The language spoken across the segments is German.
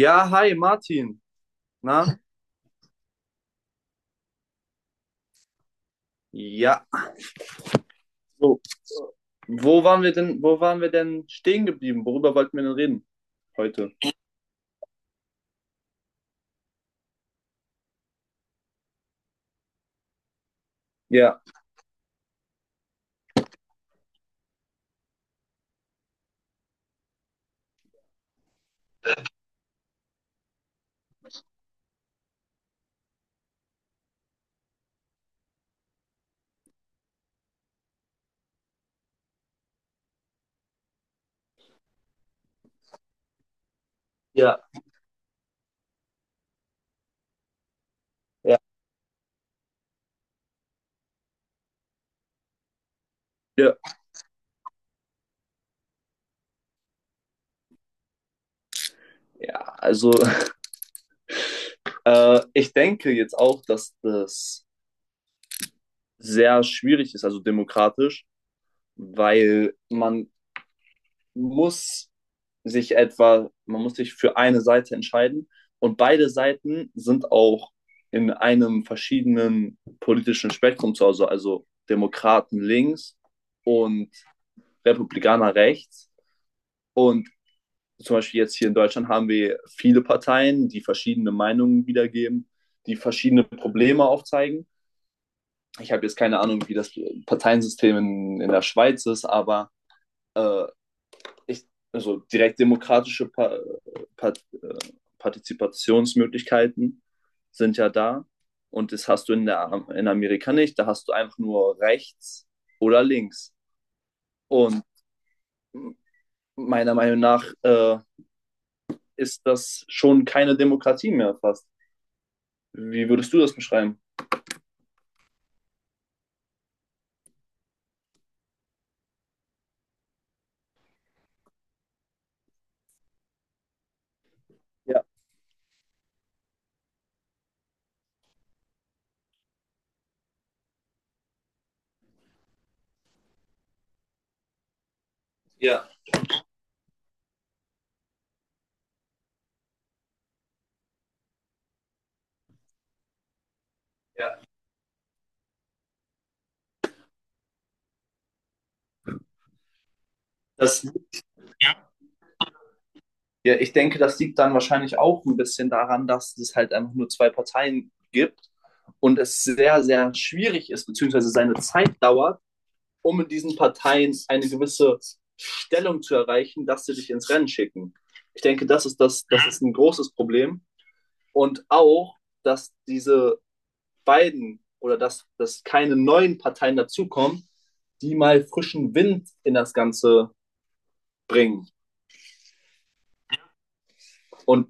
Ja, hi Martin. Na? Ja. So, wo waren wir denn stehen geblieben? Worüber wollten wir denn reden heute? Ja, Ja, ja. ja. Ja, also ich denke jetzt auch, dass das sehr schwierig ist, also demokratisch, weil man muss sich etwa, man muss sich für eine Seite entscheiden und beide Seiten sind auch in einem verschiedenen politischen Spektrum zu Hause, also Demokraten links und Republikaner rechts. Und zum Beispiel jetzt hier in Deutschland haben wir viele Parteien, die verschiedene Meinungen wiedergeben, die verschiedene Probleme aufzeigen. Ich habe jetzt keine Ahnung, wie das Parteiensystem in der Schweiz ist, aber äh, ich, also direkt demokratische pa pa Partizipationsmöglichkeiten sind ja da. Und das hast du in, der, in Amerika nicht. Da hast du einfach nur rechts oder links. Und meiner Meinung nach ist das schon keine Demokratie mehr fast. Wie würdest du das beschreiben? Ja, ja, ja. Das, ja, ich denke, das liegt dann wahrscheinlich auch ein bisschen daran, dass es halt einfach nur zwei Parteien gibt und es sehr, sehr schwierig ist, beziehungsweise seine Zeit dauert, um in diesen Parteien eine gewisse Stellung zu erreichen, dass sie dich ins Rennen schicken. Ich denke, das ist ein großes Problem. Und auch, dass diese beiden oder dass keine neuen Parteien dazukommen, die mal frischen Wind in das Ganze bringen. Und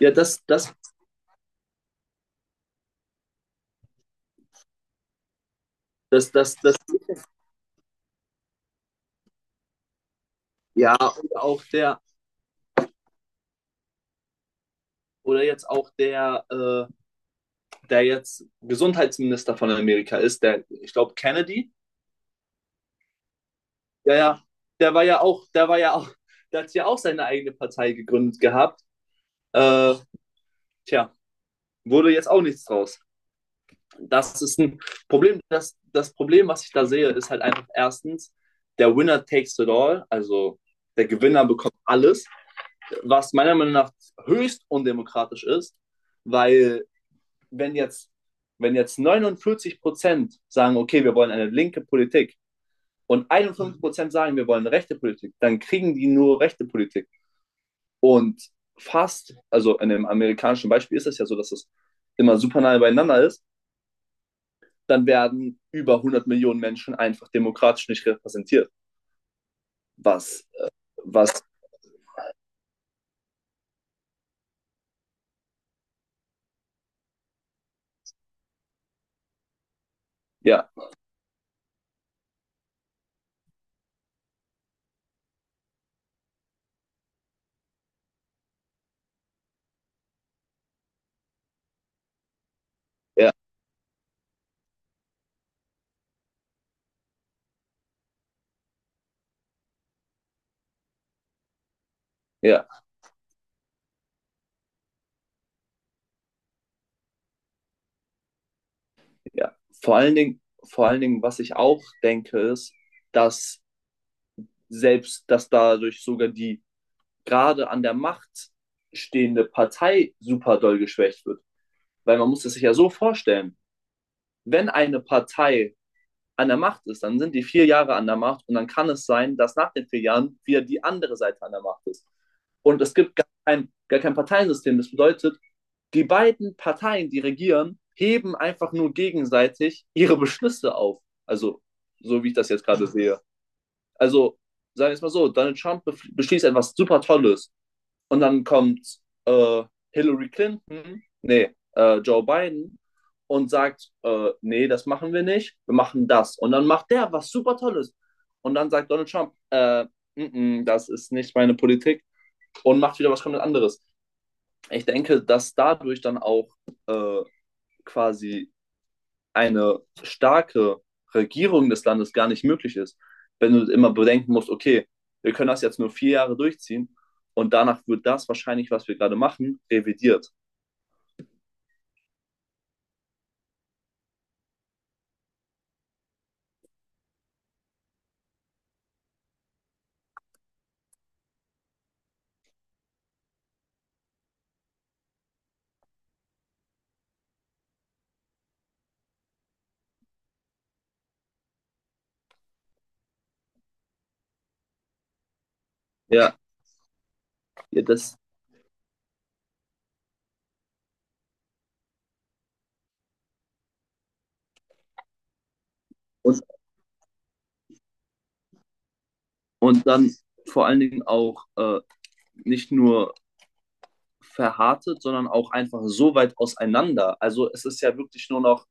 ja, das, das, das, ja, und auch der, oder jetzt auch der, der jetzt Gesundheitsminister von Amerika ist, der, ich glaube, Kennedy. Ja, ja. Der war ja auch, der war ja auch, der hat ja auch seine eigene Partei gegründet gehabt. Äh, tja, wurde jetzt auch nichts draus. Das ist ein Problem. Das Problem, was ich da sehe, ist halt einfach erstens, der Winner takes it all, also der Gewinner bekommt alles, was meiner Meinung nach höchst undemokratisch ist, weil wenn jetzt, wenn jetzt 49% sagen, okay, wir wollen eine linke Politik und 51% sagen, wir wollen eine rechte Politik, dann kriegen die nur rechte Politik. Und fast, also in dem amerikanischen Beispiel ist es ja so, dass es immer super nahe beieinander ist, dann werden über 100 Millionen Menschen einfach demokratisch nicht repräsentiert. Was, was, ja, ja, ja, ja. Vor allen Dingen, was ich auch denke, ist, dass selbst, dass dadurch sogar die gerade an der Macht stehende Partei super doll geschwächt wird. Weil man muss es sich ja so vorstellen, wenn eine Partei an der Macht ist, dann sind die 4 Jahre an der Macht und dann kann es sein, dass nach den 4 Jahren wieder die andere Seite an der Macht ist. Und es gibt gar kein Parteiensystem. Das bedeutet, die beiden Parteien, die regieren, heben einfach nur gegenseitig ihre Beschlüsse auf. Also, so wie ich das jetzt gerade sehe. Also, sagen wir es mal so, Donald Trump beschließt etwas super Tolles und dann kommt äh, Hillary Clinton, nee, Joe Biden und sagt, nee, das machen wir nicht, wir machen das. Und dann macht der was super Tolles. Und dann sagt Donald Trump, mm, mm, das ist nicht meine Politik und macht wieder was komplett anderes. Ich denke, dass dadurch dann auch äh, quasi eine starke Regierung des Landes gar nicht möglich ist, wenn du immer bedenken musst, okay, wir können das jetzt nur 4 Jahre durchziehen und danach wird das wahrscheinlich, was wir gerade machen, revidiert. Ja, ja das, und, und dann vor allen Dingen auch nicht nur verhärtet, sondern auch einfach so weit auseinander. Also es ist ja wirklich nur noch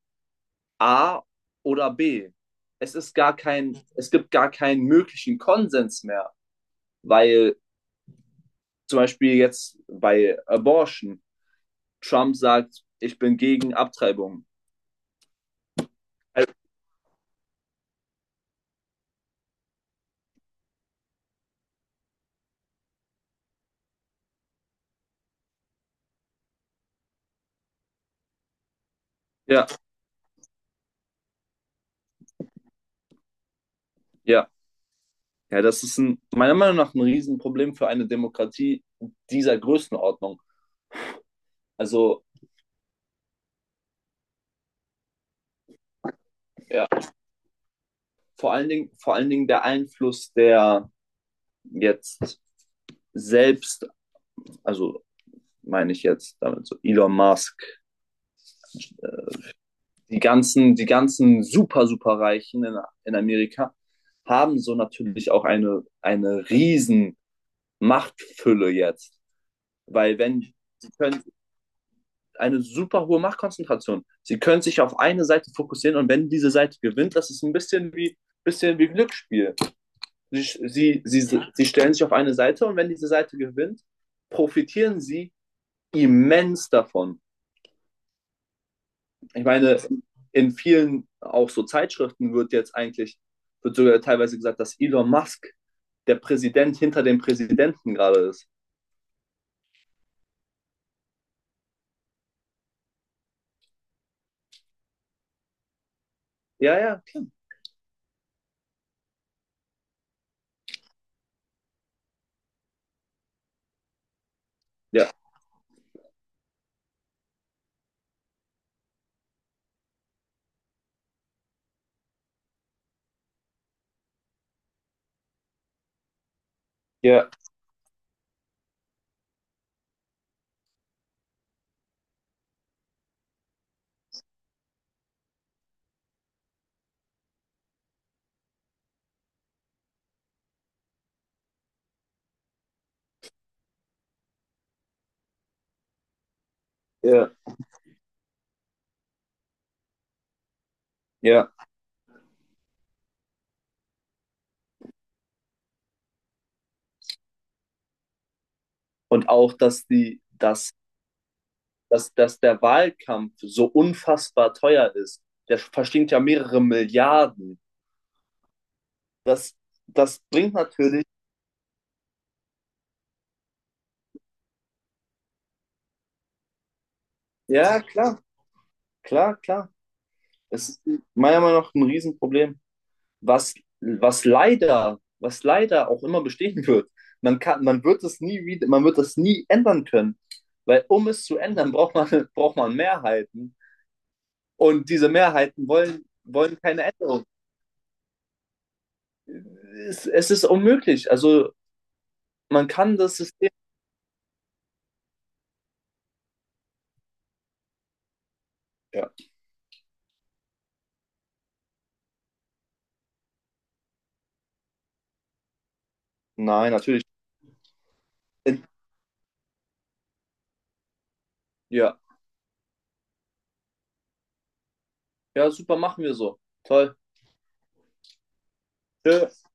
A oder B. Es ist gar kein, es gibt gar keinen möglichen Konsens mehr, weil zum Beispiel jetzt bei Abortion Trump sagt, ich bin gegen Abtreibung. Also, Ja, ja. Ja, das ist ein, meiner Meinung nach ein Riesenproblem für eine Demokratie dieser Größenordnung. Also, ja, vor allen Dingen der Einfluss der jetzt selbst, also meine ich jetzt damit so Elon Musk, die ganzen super, super Reichen in Amerika haben so natürlich auch eine riesen Machtfülle jetzt. Weil wenn, sie können, eine super hohe Machtkonzentration. Sie können sich auf eine Seite fokussieren und wenn diese Seite gewinnt, das ist ein bisschen wie Glücksspiel. Sie stellen sich auf eine Seite und wenn diese Seite gewinnt, profitieren sie immens davon. Ich meine, in vielen auch so Zeitschriften wird jetzt eigentlich, wird sogar teilweise gesagt, dass Elon Musk der Präsident hinter dem Präsidenten gerade ist. Ja, ja, ja, ja, ja, ja. Und auch, dass die, dass dass, dass der Wahlkampf so unfassbar teuer ist. Der verstinkt ja mehrere Milliarden. Das, das bringt natürlich, ja, klar. Es ist meiner Meinung nach ein Riesenproblem, was, was leider auch immer bestehen wird. Man wird es nie wieder, man wird das nie ändern können. Weil um es zu ändern, braucht man, braucht man Mehrheiten. Und diese Mehrheiten wollen, wollen keine Änderung. Es ist unmöglich. Also man kann das System. Ja. Nein, natürlich. In- Ja, ja, super, machen wir so. Toll. Tschö.